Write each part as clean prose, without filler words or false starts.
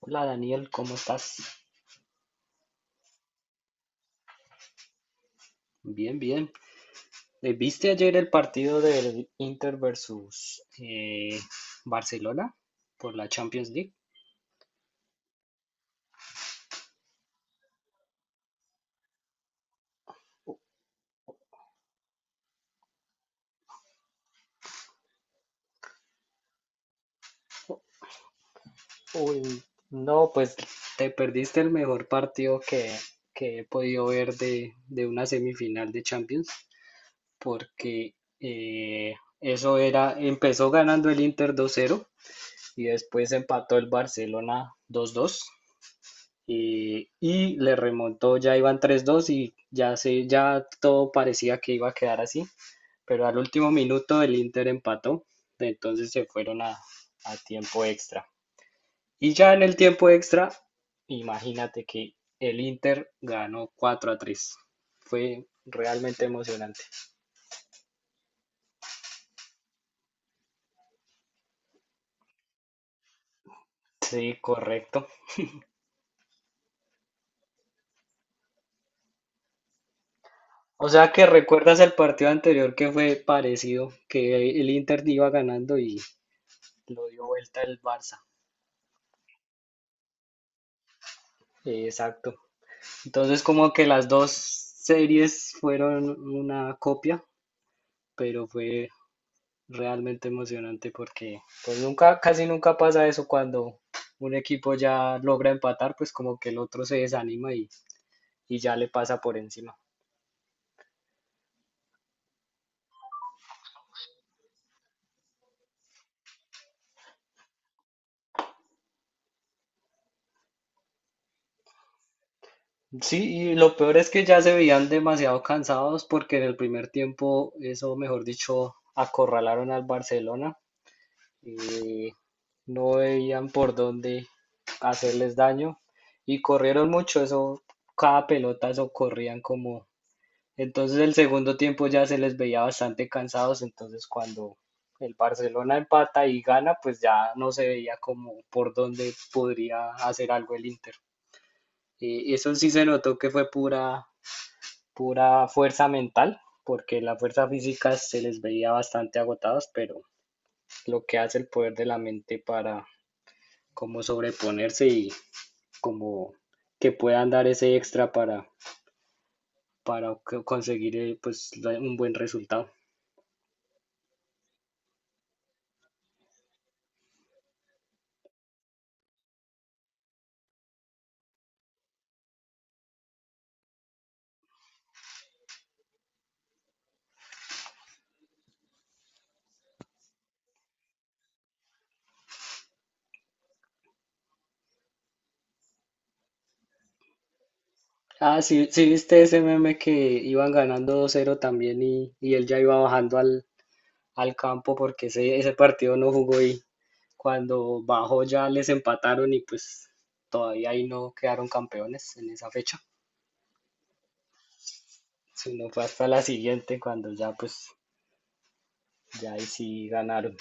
Hola Daniel, ¿cómo estás? Bien, bien. ¿Viste ayer el partido del Inter versus Barcelona por la Champions League? Uy, no, pues te perdiste el mejor partido que he podido ver de una semifinal de Champions, porque eso era, empezó ganando el Inter 2-0 y después empató el Barcelona 2-2, y le remontó, ya iban 3-2 y ya, se, ya todo parecía que iba a quedar así, pero al último minuto el Inter empató, entonces se fueron a tiempo extra. Y ya en el tiempo extra, imagínate que el Inter ganó 4-3. Fue realmente emocionante. Sí, correcto. O sea que recuerdas el partido anterior que fue parecido, que el Inter iba ganando y lo dio vuelta el Barça. Exacto. Entonces como que las dos series fueron una copia, pero fue realmente emocionante porque pues nunca, casi nunca pasa eso cuando un equipo ya logra empatar, pues como que el otro se desanima y ya le pasa por encima. Sí, y lo peor es que ya se veían demasiado cansados porque en el primer tiempo, eso mejor dicho, acorralaron al Barcelona. eh, no veían por dónde hacerles daño y corrieron mucho, eso, cada pelota, eso corrían como... Entonces el segundo tiempo ya se les veía bastante cansados, entonces cuando el Barcelona empata y gana, pues ya no se veía como por dónde podría hacer algo el Inter. Eso sí se notó que fue pura, pura fuerza mental, porque la fuerza física se les veía bastante agotados, pero lo que hace el poder de la mente para como sobreponerse y como que puedan dar ese extra para conseguir pues un buen resultado. Ah, sí, sí viste ese meme que iban ganando 2-0 también y él ya iba bajando al, al campo porque ese partido no jugó y cuando bajó ya les empataron y pues todavía ahí no quedaron campeones en esa fecha, sino fue hasta la siguiente cuando ya pues ya ahí sí ganaron.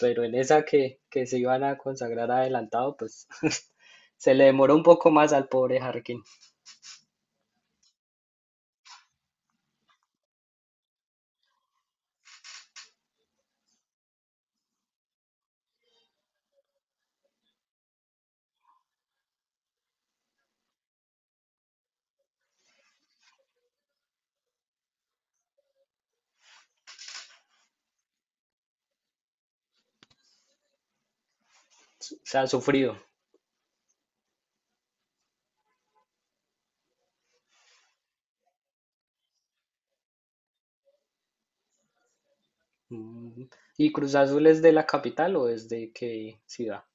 Pero en esa que se iban a consagrar adelantado, pues se le demoró un poco más al pobre Harkin. Se ha sufrido. Mm. ¿Y Cruz Azul es de la capital o es de qué ciudad?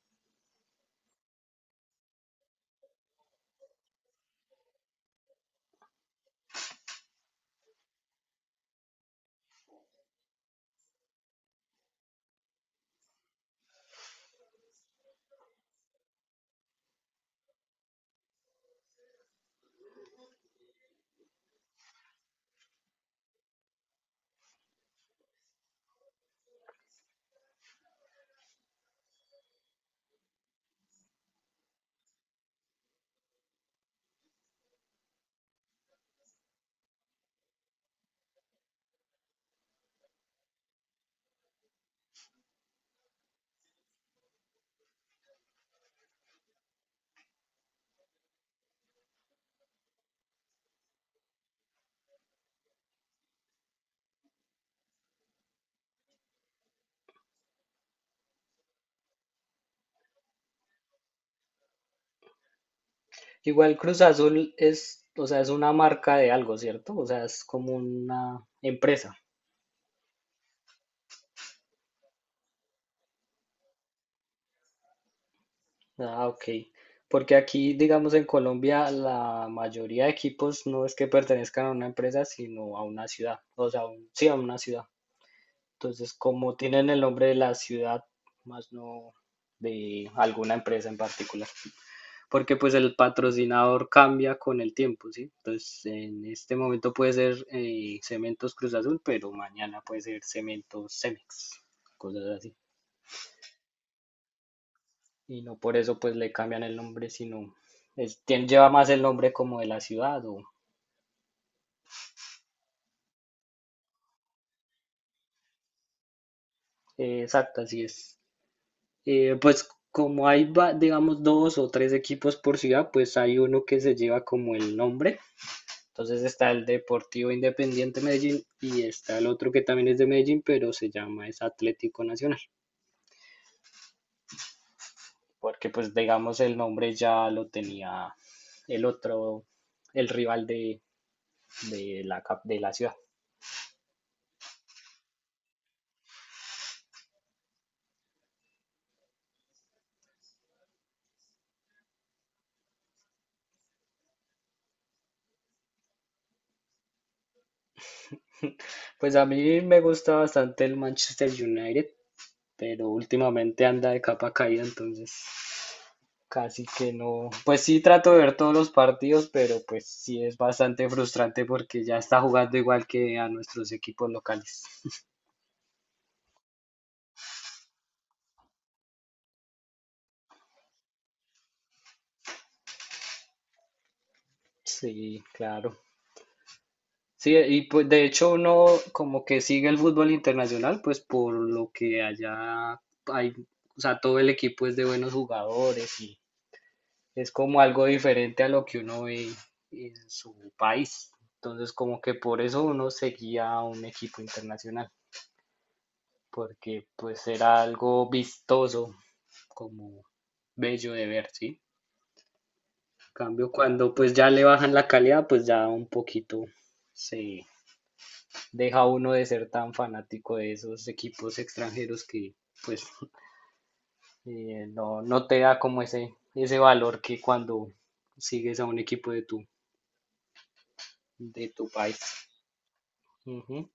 Igual Cruz Azul es, o sea, es una marca de algo, ¿cierto? O sea, es como una empresa. Ah, ok. Porque aquí, digamos, en Colombia, la mayoría de equipos no es que pertenezcan a una empresa, sino a una ciudad. O sea, sí, a una ciudad. Entonces, como tienen el nombre de la ciudad, más no de alguna empresa en particular, porque pues el patrocinador cambia con el tiempo, ¿sí? Entonces, en este momento puede ser Cementos Cruz Azul, pero mañana puede ser Cementos Cemex, cosas así. Y no por eso pues le cambian el nombre, sino es, lleva más el nombre como de la ciudad o exacto, así es. Pues como hay, digamos, dos o tres equipos por ciudad, pues hay uno que se lleva como el nombre. Entonces está el Deportivo Independiente Medellín y está el otro que también es de Medellín, pero se llama es Atlético Nacional, porque pues digamos el nombre ya lo tenía el otro, el rival de la ciudad. Pues a mí me gusta bastante el Manchester United, pero últimamente anda de capa caída, entonces casi que no. Pues sí trato de ver todos los partidos, pero pues sí es bastante frustrante porque ya está jugando igual que a nuestros equipos locales. Sí, claro. Sí, y pues de hecho uno como que sigue el fútbol internacional, pues por lo que allá hay, o sea, todo el equipo es de buenos jugadores y es como algo diferente a lo que uno ve en su país. Entonces como que por eso uno seguía a un equipo internacional, porque pues era algo vistoso, como bello de ver, ¿sí? En cambio, cuando pues ya le bajan la calidad, pues ya un poquito se deja a uno de ser tan fanático de esos equipos extranjeros que pues no te da como ese valor que cuando sigues a un equipo de tu país. Ujú.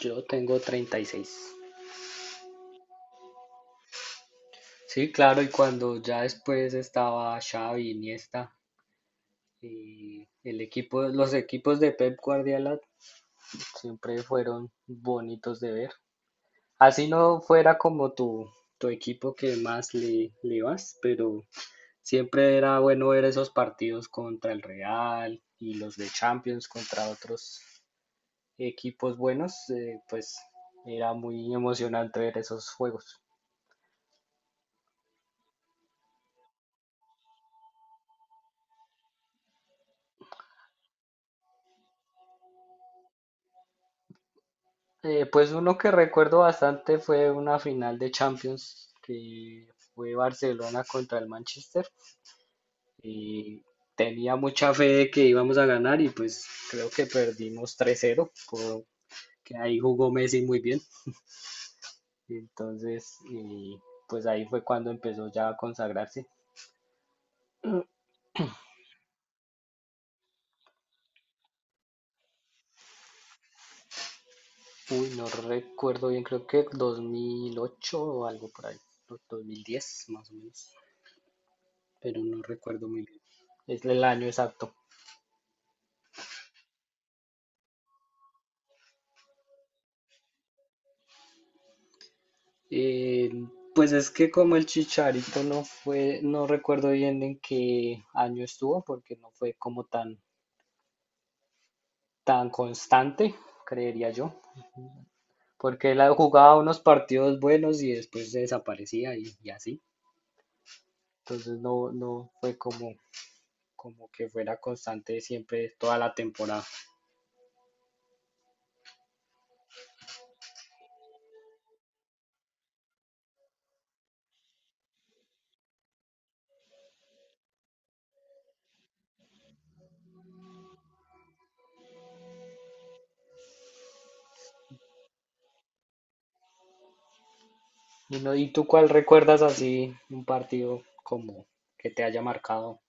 Yo tengo 36. Sí, claro, y cuando ya después estaba Xavi, Iniesta, y el equipo, los equipos de Pep Guardiola siempre fueron bonitos de ver. Así no fuera como tu equipo que más le, le vas, pero siempre era bueno ver esos partidos contra el Real y los de Champions contra otros equipos buenos, pues era muy emocionante ver esos juegos. Pues uno que recuerdo bastante fue una final de Champions que fue Barcelona contra el Manchester y tenía mucha fe de que íbamos a ganar y pues creo que perdimos 3-0 que ahí jugó Messi muy bien. Entonces, pues ahí fue cuando empezó ya a consagrarse. Uy, no recuerdo bien, creo que 2008 o algo por ahí, o 2010 más o menos, pero no recuerdo muy bien. Es el año exacto. Eh, pues es que como el Chicharito no fue, no recuerdo bien en qué año estuvo, porque no fue como tan, tan constante, creería yo, porque él jugaba unos partidos buenos y después se desaparecía y así. Entonces no, no fue como como que fuera constante siempre toda la temporada. ¿Y, no, ¿y tú cuál recuerdas así un partido como que te haya marcado?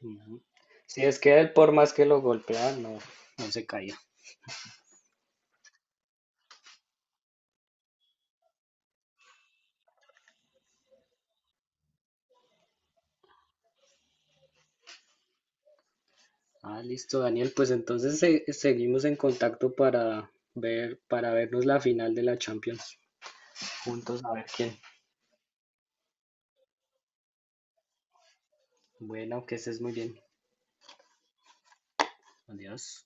Ujú. Si es que él por más que lo golpean no, no se caía. Ah, listo, Daniel. Pues entonces seguimos en contacto para ver, para vernos la final de la Champions. Juntos a ver quién. Bueno, que estés muy bien. Adiós.